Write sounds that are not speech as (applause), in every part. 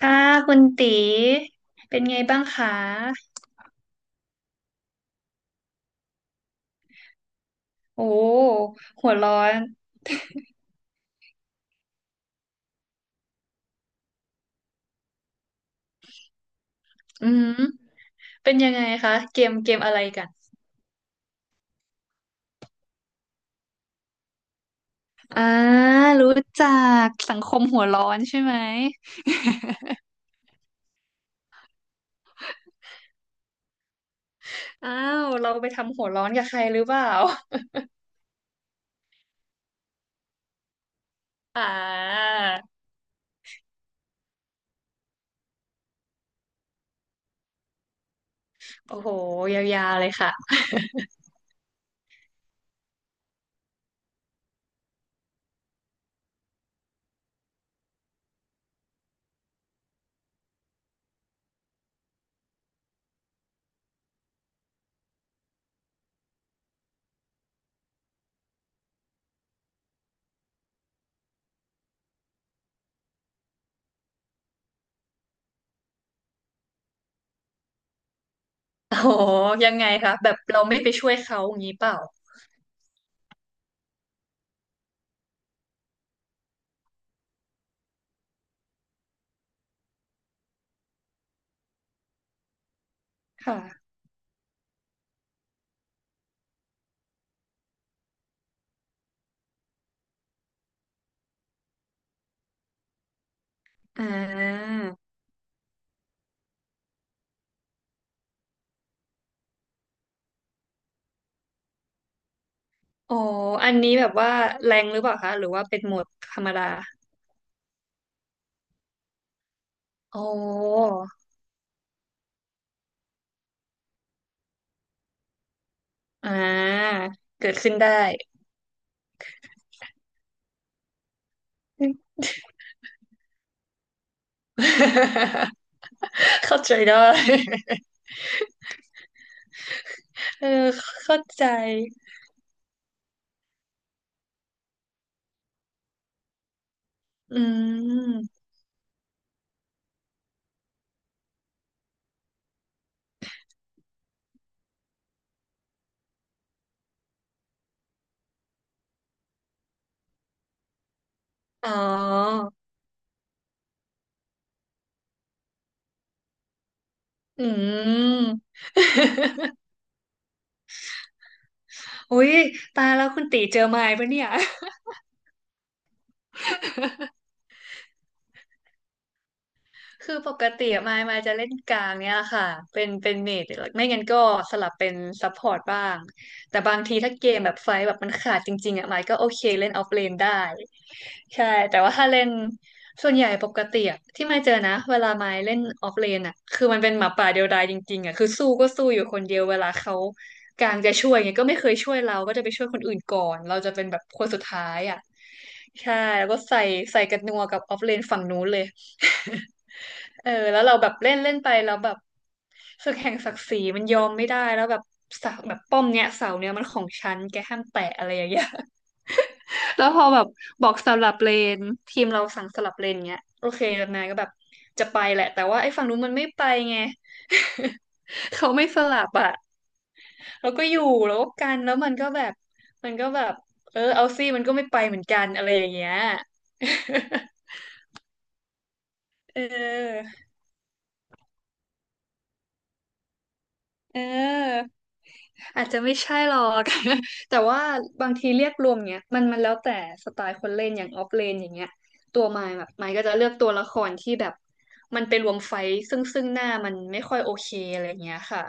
ค่ะคุณตีเป็นไงบ้างคะโอ้หัวร้อนอืมเป็นยังไงคะเกมเกมอะไรกันอ่ารู้จักสังคมหัวร้อนใช่ไหม (laughs) อ้าวเราไปทำหัวร้อนกับใครหรือเปล่าอ่าโอ้โหยาวๆเลยค่ะโอ้โหยังไงคะแบบเราไม่ไปช่วยเขาอย่างนี้เปล่าค่ะอ่าอ๋ออันนี้แบบว่าแรงหรือเปล่าคะหรือว่าเป็นโหมดธรรมดาโอ้ อ่าเกิดขึ้นได้ (laughs) เข้าใจได้ (laughs) เออเข้าใจอืมอ๋ออืม (laughs) อุ๊ยตายแล้วคุณตีเจอไม้ปะเนี่ย (laughs) คือปกติมายจะเล่นกลางเนี่ยค่ะเป็นเมจไม่งั้นก็สลับเป็นซัพพอร์ตบ้างแต่บางทีถ้าเกมแบบไฟท์แบบมันขาดจริงๆอ่ะมายก็โอเคเล่นออฟเลนได้ใช่แต่ว่าถ้าเล่นส่วนใหญ่ปกติอะที่มายเจอนะเวลามายเล่นออฟเลนอ่ะคือมันเป็นหมาป่าเดียวดายจริงๆอ่ะคือสู้ก็สู้อยู่คนเดียวเวลาเขา กลางจะช่วยไงยก็ไม่เคยช่วยเราก็จะไปช่วยคนอื่นก่อนเราจะเป็นแบบคนสุดท้ายอ่ะใช่แล้วก็ใส่กันนัวกับออฟเลนฝั่งนู้นเลย (laughs) เออแล้วเราแบบเล่นเล่นไปแล้วแบบศึกแห่งศักดิ์ศรีมันยอมไม่ได้แล้วแบบเสาแบบป้อมเนี้ยเสาเนี้ยมันของฉันแกห้ามแตะอะไรอย่างเงี้ย (laughs) แล้วพอแบบบอกสลับเลนทีมเราสั่งสลับเลนเงี้ยโอเคแล้วนายก็แบบจะไปแหละแต่ว่าไอ้ฝั่งนู้นมันไม่ไปไง (laughs) เขาไม่สลับอ่ะ แล้วก็อยู่แล้วก็กันแล้วมันก็แบบเออเอาซี่มันก็ไม่ไปเหมือนกันอะไรอย่างเงี้ย (laughs) เออเออ อาจจะไม่ใช่หรอก (laughs) แต่ว่าบางทีเรียกรวมเนี้ยมันแล้วแต่สไตล์คนเล่นอย่างออฟเลนอย่างเงี้ยตัวมายแบบมายก็จะเลือกตัวละครที่แบบมันไปรวมไฟท์ซึ่งหน้ามันไม่ค่อยโอเคอะไรเงี้ยค่ะ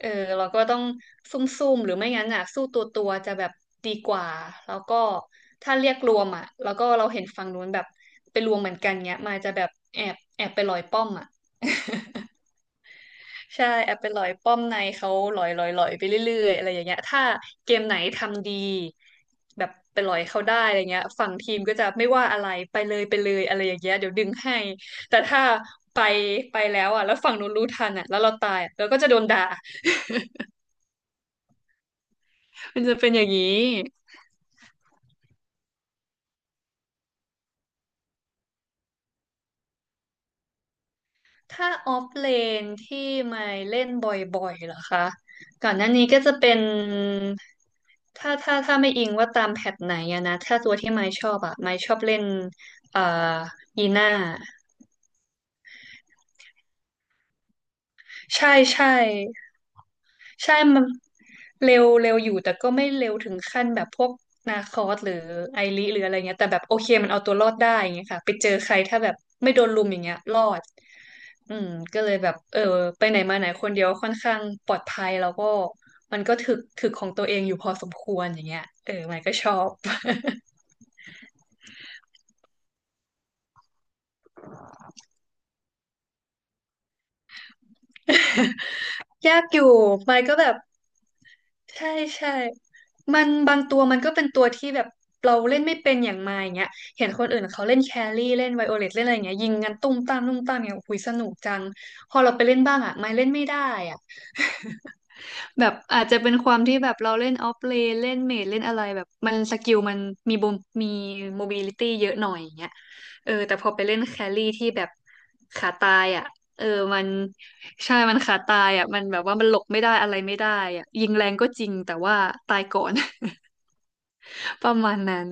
เออเราก็ต้องซุ่มๆหรือไม่งั้นอ่ะสู้ตัวจะแบบดีกว่าแล้วก็ถ้าเรียกรวมอ่ะแล้วก็เราเห็นฝั่งนู้นแบบไปรวมเหมือนกันเงี้ยมายจะแบบแอบไปลอยป้อมอ่ะ ใช่แอบไปหลอยป้อมในเขาหลอยไปเรื่อยๆอะไรอย่างเงี้ยถ้าเกมไหนทำดีแบบไปหลอยเขาได้อะไรเงี้ยฝั่งทีมก็จะไม่ว่าอะไรไปเลยอะไรอย่างเงี้ยเดี๋ยวดึงให้แต่ถ้าไปไปแล้วอ่ะแล้วฝั่งนู้นรู้ทันอ่ะแล้วเราตายอะเราก็จะโดนด่า (laughs) มันจะเป็นอย่างนี้ ถ้าออฟเลนที่ไม่เล่นบ่อยๆเหรอคะก่อนหน้านี้ก็จะเป็นถ้าไม่อิงว่าตามแพทไหนอะนะถ้าตัวที่ไม่ชอบอะไม่ชอบเล่นเอ่อยีน่าใช่ใช่ ใช่ มันเร็วเร็วอยู่แต่ก็ไม่เร็วถึงขั้นแบบพวกนาคอสหรือไอริหรืออะไรเงี้ยแต่แบบโอเคมันเอาตัวรอดได้อย่างเงี้ยค่ะไปเจอใครถ้าแบบไม่โดนลุมอย่างเงี้ยรอดอืมก็เลยแบบเออไปไหนมาไหนคนเดียวค่อนข้างปลอดภัยแล้วก็มันก็ถึกของตัวเองอยู่พอสมควรอย่างเงี้ยเออมันก็ชอบ (laughs) ยากอยู่มันก็แบบ ใช่ใช่มันบางตัวมันก็เป็นตัวที่แบบเราเล่นไม่เป็นอย่างมาอย่างเงี้ย เห็นคนอื่นเขาเล่นแครี่เล่นไวโอเลตเล่นอะไรอย่างเงี้ยยิงกันตุ้มตามตุ้มตามเนี่ยโอ้ยสนุกจัง พอเราไปเล่นบ้างอ่ะไม่เล่นไม่ได้อ่ะ แบบอาจจะเป็นความที่แบบเราเล่นออฟเลนเล่นเมจเล่นอะไรแบบมันสกิลมันมีบมมีโมบิลิตี้เยอะหน่อยอย่างเงี้ยเออแต่พอไปเล่นแครี่ที่แบบขาตายอ่ะเออมันใช่มันขาตายอ่ะมันแบบว่ามันหลบไม่ได้อะไรไม่ได้อ่ะยิงแรงก็จริงแต่ว่าตายก่อน (laughs) ประมาณนั้น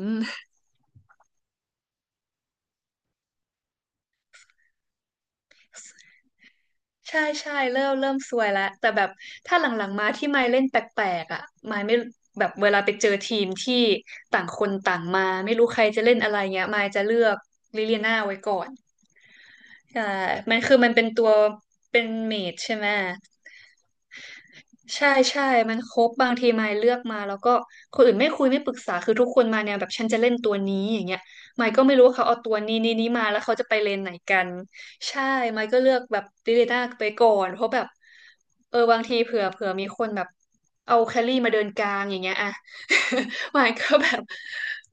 ใช่ใช่เริ่มซวยแล้วแต่แบบถ้าหลังๆมาที่ไมค์เล่นแปลกๆอ่ะไมค์ไม่แบบเวลาไปเจอทีมที่ต่างคนต่างมาไม่รู้ใครจะเล่นอะไรเงี้ยไมค์จะเลือกลิเลียนาไว้ก่อนใช่มันคือมันเป็นตัวเป็นเมจใช่ไหม ใช่ใช่ มันครบบางทีมายเลือกมาแล้วก็คนอื่นไม่คุยไม่ปรึกษาคือทุกคนมาแนี่แบบฉันจะเล่นตัวนี้อย่างเงี้ยมายก็ไม่รู้ว่าเขาเอาตัวนี้นี้มาแล้วเขาจะไปเลนไหนกันใช่มายก็เลือกแบบดิเลน่าไปก่อนเพราะแบบเออบางทีเผื่อมีคนแบบเอาแครี่มาเดินกลางอย่างเงี้ยอะ (laughs) มายก็แบบ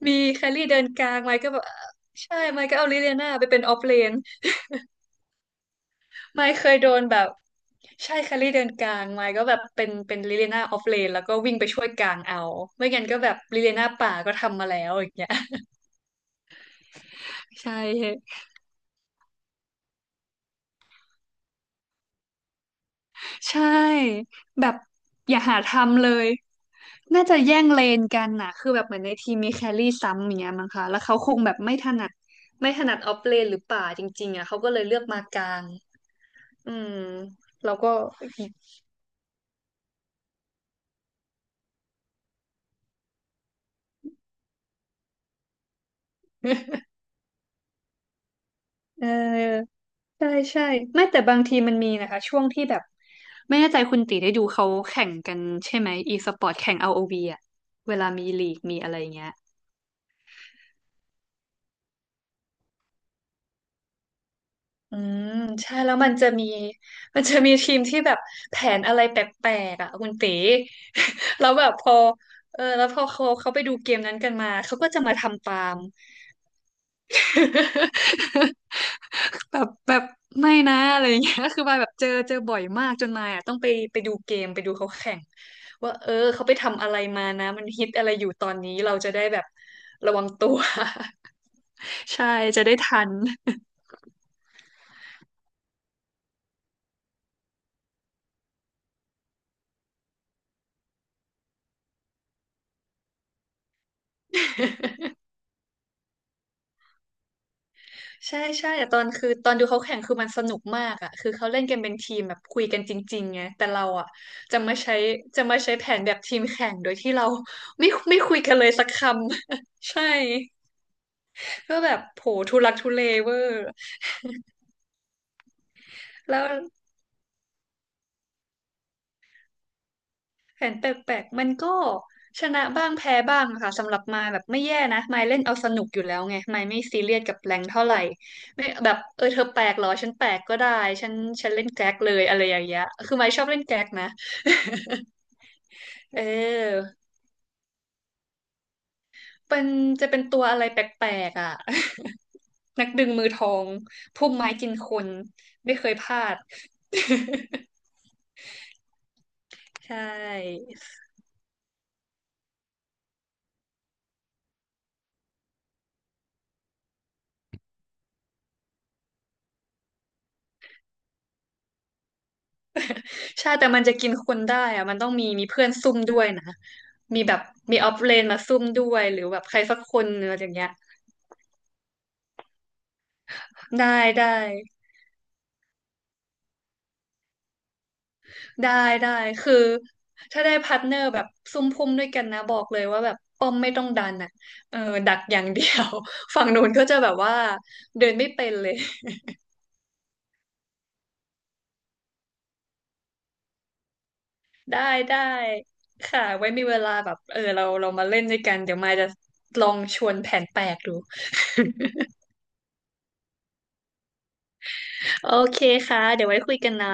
มีแครี่เดินกลางมายก็แบบใช่มายก็เอาลิเลียนาไปเป็นออฟเลน ไม่เคยโดนแบบใช่แคลรี่เดินกลางไม่ก็แบบเป็นลิเลนาออฟเลนแล้วก็วิ่งไปช่วยกลางเอาไม่งั้นก็แบบลิเลนาป่าก็ทำมาแล้วอย่างเงี้ย (laughs) ใช่ใช่แบบอย่าหาทำเลยน่าจะแย่งเลนกันน่ะคือแบบเหมือนในทีมมีแครี่ซ้ำอย่างเงี้ยมั้งคะแล้วเขาคงแบบไม่ถนัดไม่ถนัดออฟเลนหรือป่าจริงๆอ่ะเขาก็เลยเลือกมากลางอืมเราก็ (laughs) เออใช่ใช่ไม่แต่บางทีมันมีนะคะช่วงที่แบบไม่แน่ใจคุณตีได้ดูเขาแข่งกันใช่ไหม e สปอร์ตแข่งอ o v อวีอ่ะเวลามีลีกมีอะไรเงี้ยอืมใช่แล้วมันจะมี (laughs) มันจะมีทีมที่แบบแผนอะไรแปลกๆอ่ะคุณตี (laughs) แล้วแบบพอเออแล้วพอเขาไปดูเกมนั้นกันมาเขาก็จะมาทำตาม (laughs) แบบไม่นะอะไรอย่างเงี้ย (laughs) คือมายแบบเจอบ่อยมากจนมายอ่ะต้องไปไปดูเกมไปดูเขาแข่งว่าเออเขาไปทำอะไรมานะมันฮิตอะไรอยู่ตอนนี้เราจะได้แบบระวังตัว (laughs) ใช่จะได้ทัน (laughs) ใช่ใช่แต่ตอนคือตอนดูเขาแข่งคือมันสนุกมากอ่ะคือเขาเล่นกันเป็นทีมแบบคุยกันจริงๆไงแต่เราอ่ะจะมาใช้จะมาใช้แผนแบบทีมแข่งโดยที่เราไม่คุยกันเลยสักคำ (laughs) ใช่ ก็แบบโผทุลักทุเลเวอร์แล้วแผนแปลกๆมันก็ชนะบ้างแพ้บ้างค่ะสำหรับมายแบบไม่แย่นะมายเล่นเอาสนุกอยู่แล้วไงมายไม่ซีเรียสกับแรงเท่าไหร่ไม่แบบเออเธอแปลกเหรอฉันแปลกก็ได้ฉันเล่นแก๊กเลยอะไรอย่างเงี้ยคือมายชอบเล่นแก๊กนะ (laughs) เออเป็นจะเป็นตัวอะไรแปลกๆอ่ะ (laughs) นักดึงมือทองพุ่มไม้กินคนไม่เคยพลาด (laughs) ใช่ ใช่แต่มันจะกินคนได้อะมันต้องมีเพื่อนซุ่มด้วยนะมีแบบมีออฟเลนมาซุ่มด้วยหรือแบบใครสักคนอะไรอย่างเงี้ยได้ได้ได้ได้คือถ้าได้พาร์ทเนอร์แบบซุ่มพุ่มด้วยกันนะบอกเลยว่าแบบป้อมไม่ต้องดันอ่ะเออดักอย่างเดียว (laughs) ฝั่งนู้นก็จะแบบว่าเดินไม่เป็นเลยได้ได้ค่ะไว้มีเวลาแบบเออเรามาเล่นด้วยกันเดี๋ยวมายจะลองชวนแผนแปลกดู (laughs) โอเคค่ะเดี๋ยวไว้คุยกันนะ